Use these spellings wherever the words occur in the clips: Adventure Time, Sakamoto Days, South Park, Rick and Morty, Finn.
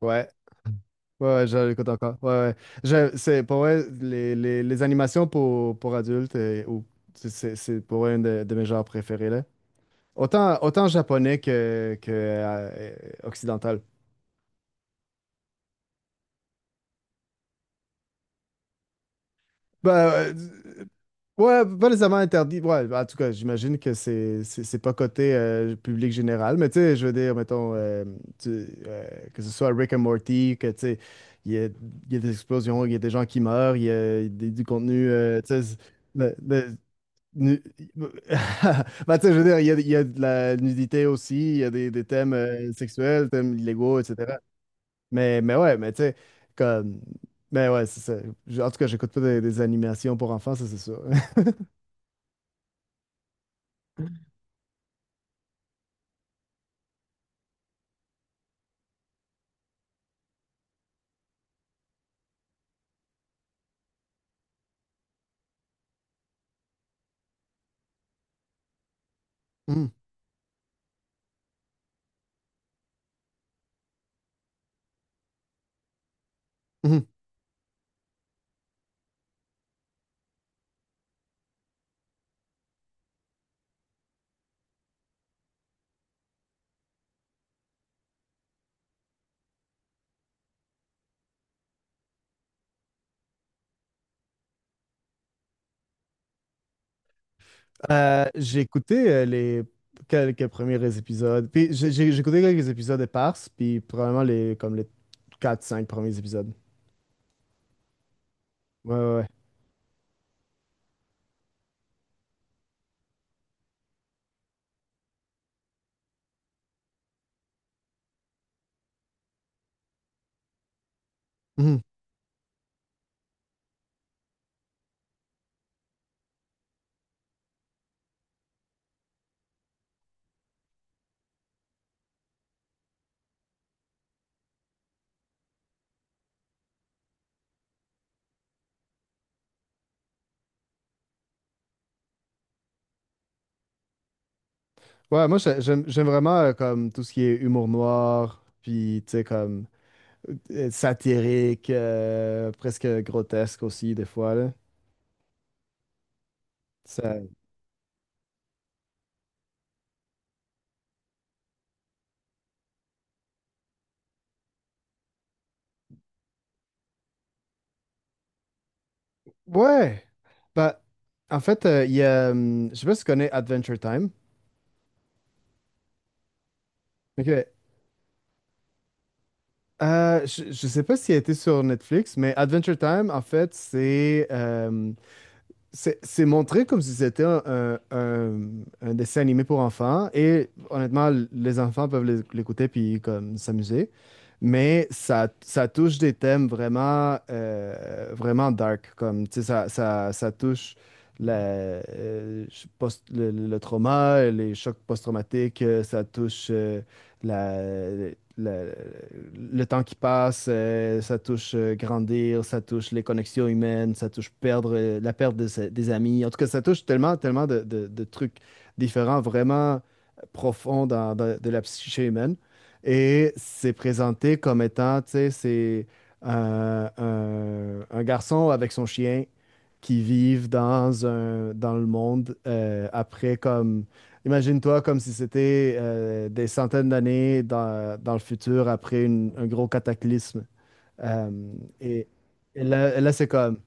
Ouais, ouais, je l'écoute encore. Ouais, ouais. C'est pour vrai, les animations pour adultes, ou, c'est pour vrai une de mes genres préférés, là. Autant, autant japonais que, que occidental. Bah, euh, ouais, pas les amants interdits. Ouais, en tout cas, j'imagine que c'est pas côté public général, mais tu sais, je veux dire, mettons, tu- euh, que ce soit Rick and Morty, que tu sais, il y a des explosions, il y a des gens qui meurent, il y a des- du contenu, tu sais, le- le- nu- Bah, tu sais, je veux dire, il y a de la nudité aussi, il y a des thèmes sexuels, thèmes illégaux, etc. Mais ouais, mais tu sais, comme. Mais ouais, c'est ça. En tout cas, j'écoute pas des, des animations pour enfants, ça, c'est sûr. Mhm, mhm. J'ai écouté les quelques premiers épisodes. Puis j'ai écouté quelques épisodes éparses, puis probablement les, comme les quatre cinq premiers épisodes. Ouais. Mhm. Ouais, moi, j'aime vraiment comme tout ce qui est humour noir, puis tu sais, comme satirique, presque grotesque aussi, des fois, là. Ça. Ouais. Bah, en fait, je sais pas si tu connais Adventure Time. Ok. Je sais pas s'il a été sur Netflix, mais Adventure Time, en fait, c'est montré comme si c'était un dessin animé pour enfants et honnêtement, les enfants peuvent l'écouter puis comme s'amuser, mais ça touche des thèmes vraiment, vraiment dark, comme tu sais, ça touche la, le, le trauma, les chocs post-traumatiques, ça touche le, le temps qui passe, ça touche grandir, ça touche les connexions humaines, ça touche perdre, la perte des amis. En tout cas, ça touche tellement, tellement de, de trucs différents, vraiment profonds dans, de la psyché humaine. Et c'est présenté comme étant, tu sais, c'est un garçon avec son chien qui vivent dans un, dans le monde après comme. Imagine-toi comme si c'était des centaines d'années dans, dans le futur après un gros cataclysme. Euh, et, et là, là, c'est comme,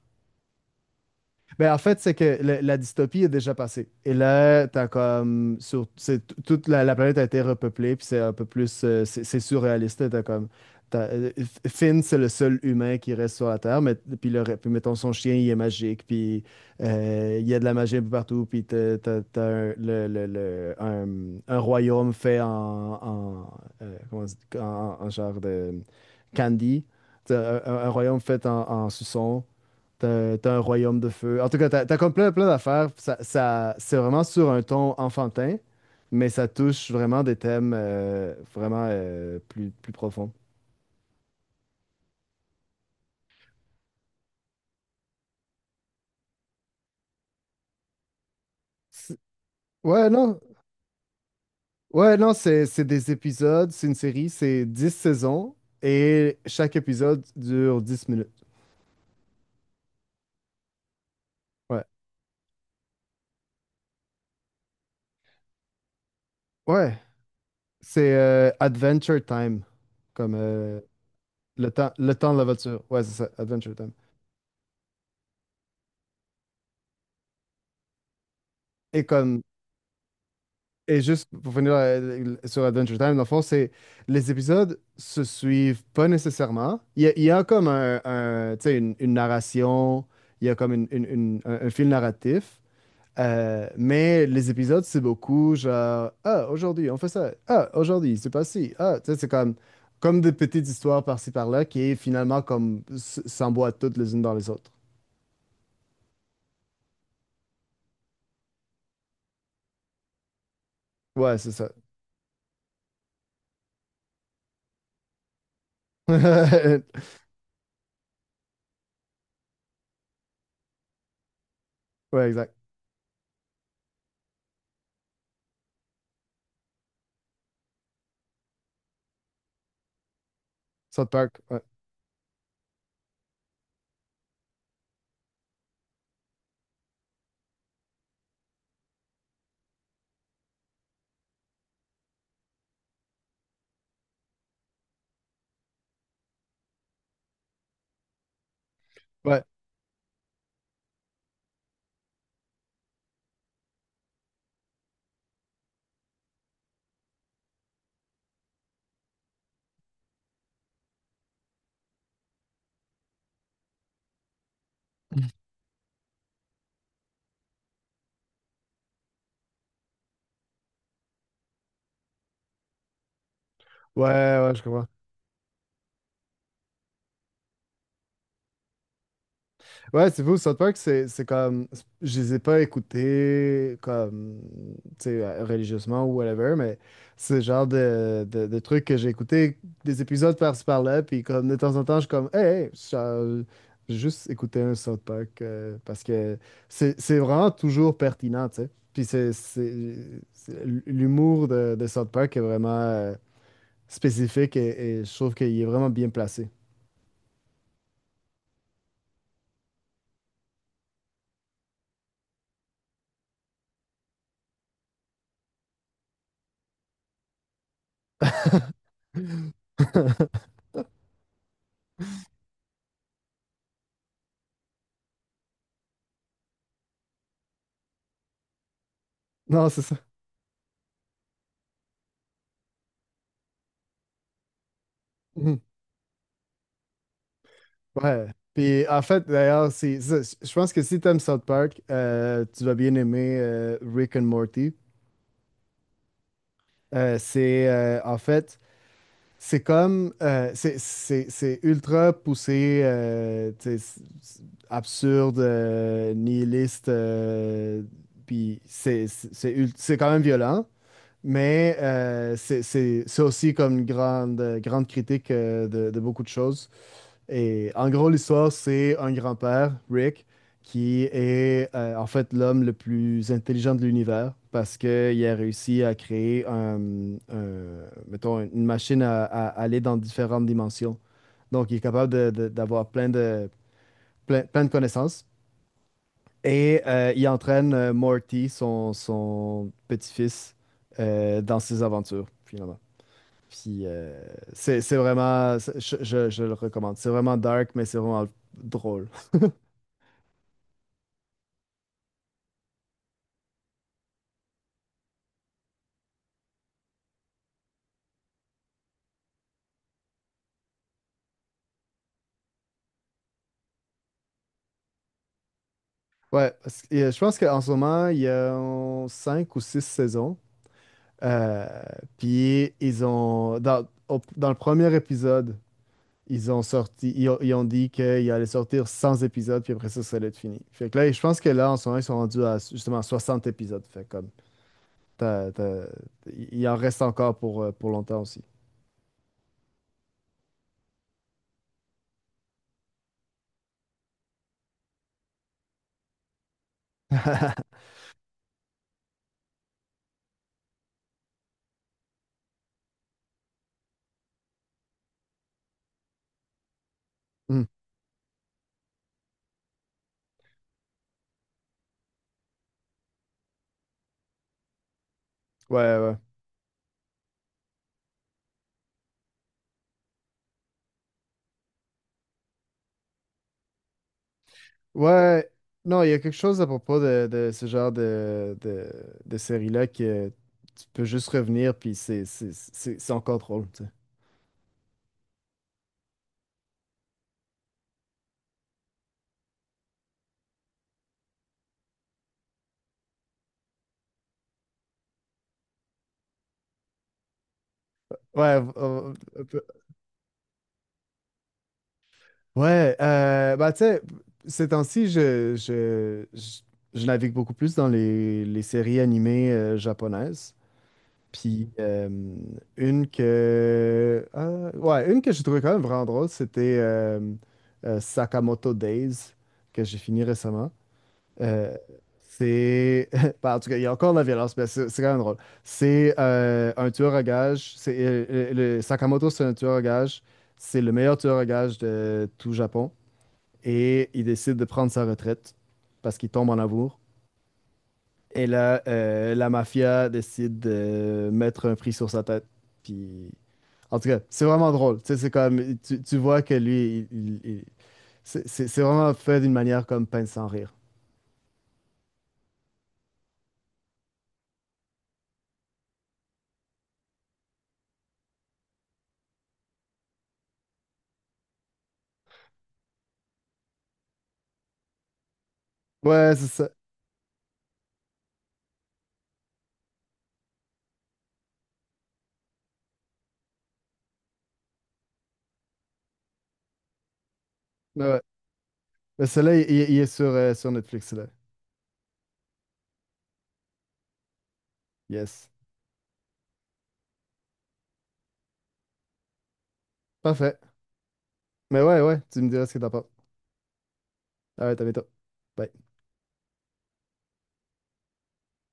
ben, en fait, c'est que la dystopie est déjà passée. Et là, t'as comme. Sur, c'est, toute la, la planète a été repeuplée, puis c'est un peu plus. C'est surréaliste. Là, T'as comme. Finn, c'est le seul humain qui reste sur la Terre, mais puis, puis mettons son chien, il est magique, puis il y a de la magie un peu partout, puis t'as, t'as- t'as un, le- un royaume fait en. En, en, en genre de candy. T'as Un, un royaume fait en, en suçon. T'as un royaume de feu. En tout cas, t'as comme plein, plein d'affaires. Ça, c'est vraiment sur un ton enfantin, mais ça touche vraiment des thèmes vraiment plus, plus profonds. C'est- Ouais, non. Ouais, non, c'est des épisodes, c'est une série, c'est 10 saisons et chaque épisode dure 10 minutes. Ouais. Ouais. C'est Adventure Time, comme le temps de la voiture. Ouais, c'est ça, Adventure Time. Et comme Et juste pour finir sur Adventure Time, dans le fond, c'est les épisodes se suivent pas nécessairement. Il y a comme tu sais, une narration, il y a comme un fil narratif, mais les épisodes, c'est beaucoup genre, ah, aujourd'hui, on fait ça, ah, aujourd'hui, c'est pas ci, ah, tu sais, c'est comme, comme des petites histoires par-ci par-là qui est finalement comme s'emboîtent toutes les unes dans les autres. Ouais, c'est ça. Ouais, exact. South Park, ouais. Ouais, ouais, ouais, je comprends. Ouais, c'est fou, South Park, c'est comme. Je les ai pas écoutés comme. Tu sais, religieusement ou whatever, mais c'est le genre de, de trucs que j'ai écouté des épisodes par-ci par-là, puis comme de temps en temps, je suis comme, hey, j'ai juste écouté un South Park parce que c'est vraiment toujours pertinent, tu sais. Puis c'est. C'est- L'humour de South Park est vraiment spécifique et je trouve qu'il est vraiment bien placé. Non, c'est ça. Ouais. Puis en fait, d'ailleurs, c'est ça. Je pense que si t'aimes South Park, tu vas bien aimer Rick and Morty. C'est en fait, c'est comme c'est ultra poussé, tu sais, c'est absurde, nihiliste. Puis c'est ul- c'est quand même violent, mais c'est aussi comme une grande grande critique de beaucoup de choses. Et en gros, l'histoire, c'est un grand-père, Rick, qui est en fait l'homme le plus intelligent de l'univers parce qu'il a réussi à créer mettons, une machine à aller dans différentes dimensions. Donc, il est capable d'avoir plein de, plein, plein de connaissances. Et il entraîne Morty, son, son petit-fils, dans ses aventures, finalement. Puis, c'est vraiment, je le recommande. C'est vraiment dark, mais c'est vraiment drôle. Ouais, parce que, je pense qu'en ce moment, il y a cinq ou six saisons. Euh, puis ils ont dans, dans le premier épisode, ils ont dit qu'il allait sortir 100 épisodes, puis après ça, ça allait être fini. Fait que là, je pense que là, en ce moment, ils sont rendus à justement 60 épisodes. Fait comme t'as- t'as- il en reste encore pour longtemps aussi. Hmm. Ouais, ouais. Ouais, non, il y a quelque chose à propos de ce genre de série-là que tu peux juste revenir, puis c'est encore drôle, tu sais. Ouais, un peu- ouais, bah tu sais, ces temps-ci, je navigue beaucoup plus dans les séries animées japonaises. Puis une que... ah, ouais, une que j'ai trouvée quand même vraiment drôle, c'était Sakamoto Days, que j'ai fini récemment. Euh, c'est. Bah, en tout cas, il y a encore de la violence, mais c'est quand même drôle. C'est un tueur à gages. C'est, Sakamoto, c'est un tueur à gages. C'est le meilleur tueur à gages de tout Japon. Et il décide de prendre sa retraite parce qu'il tombe en amour. Et là, la mafia décide de mettre un prix sur sa tête. Puis. En tout cas, c'est vraiment drôle. Tu sais, c'est comme. Tu vois que lui, c'est vraiment fait d'une manière comme peine sans rire. Ouais, c'est ça. Ouais. Mais celui-là, il est sur, sur Netflix, là. Yes. Parfait. Mais ouais, ouais, tu me diras ce que t'en penses. All right, à bientôt. Bye.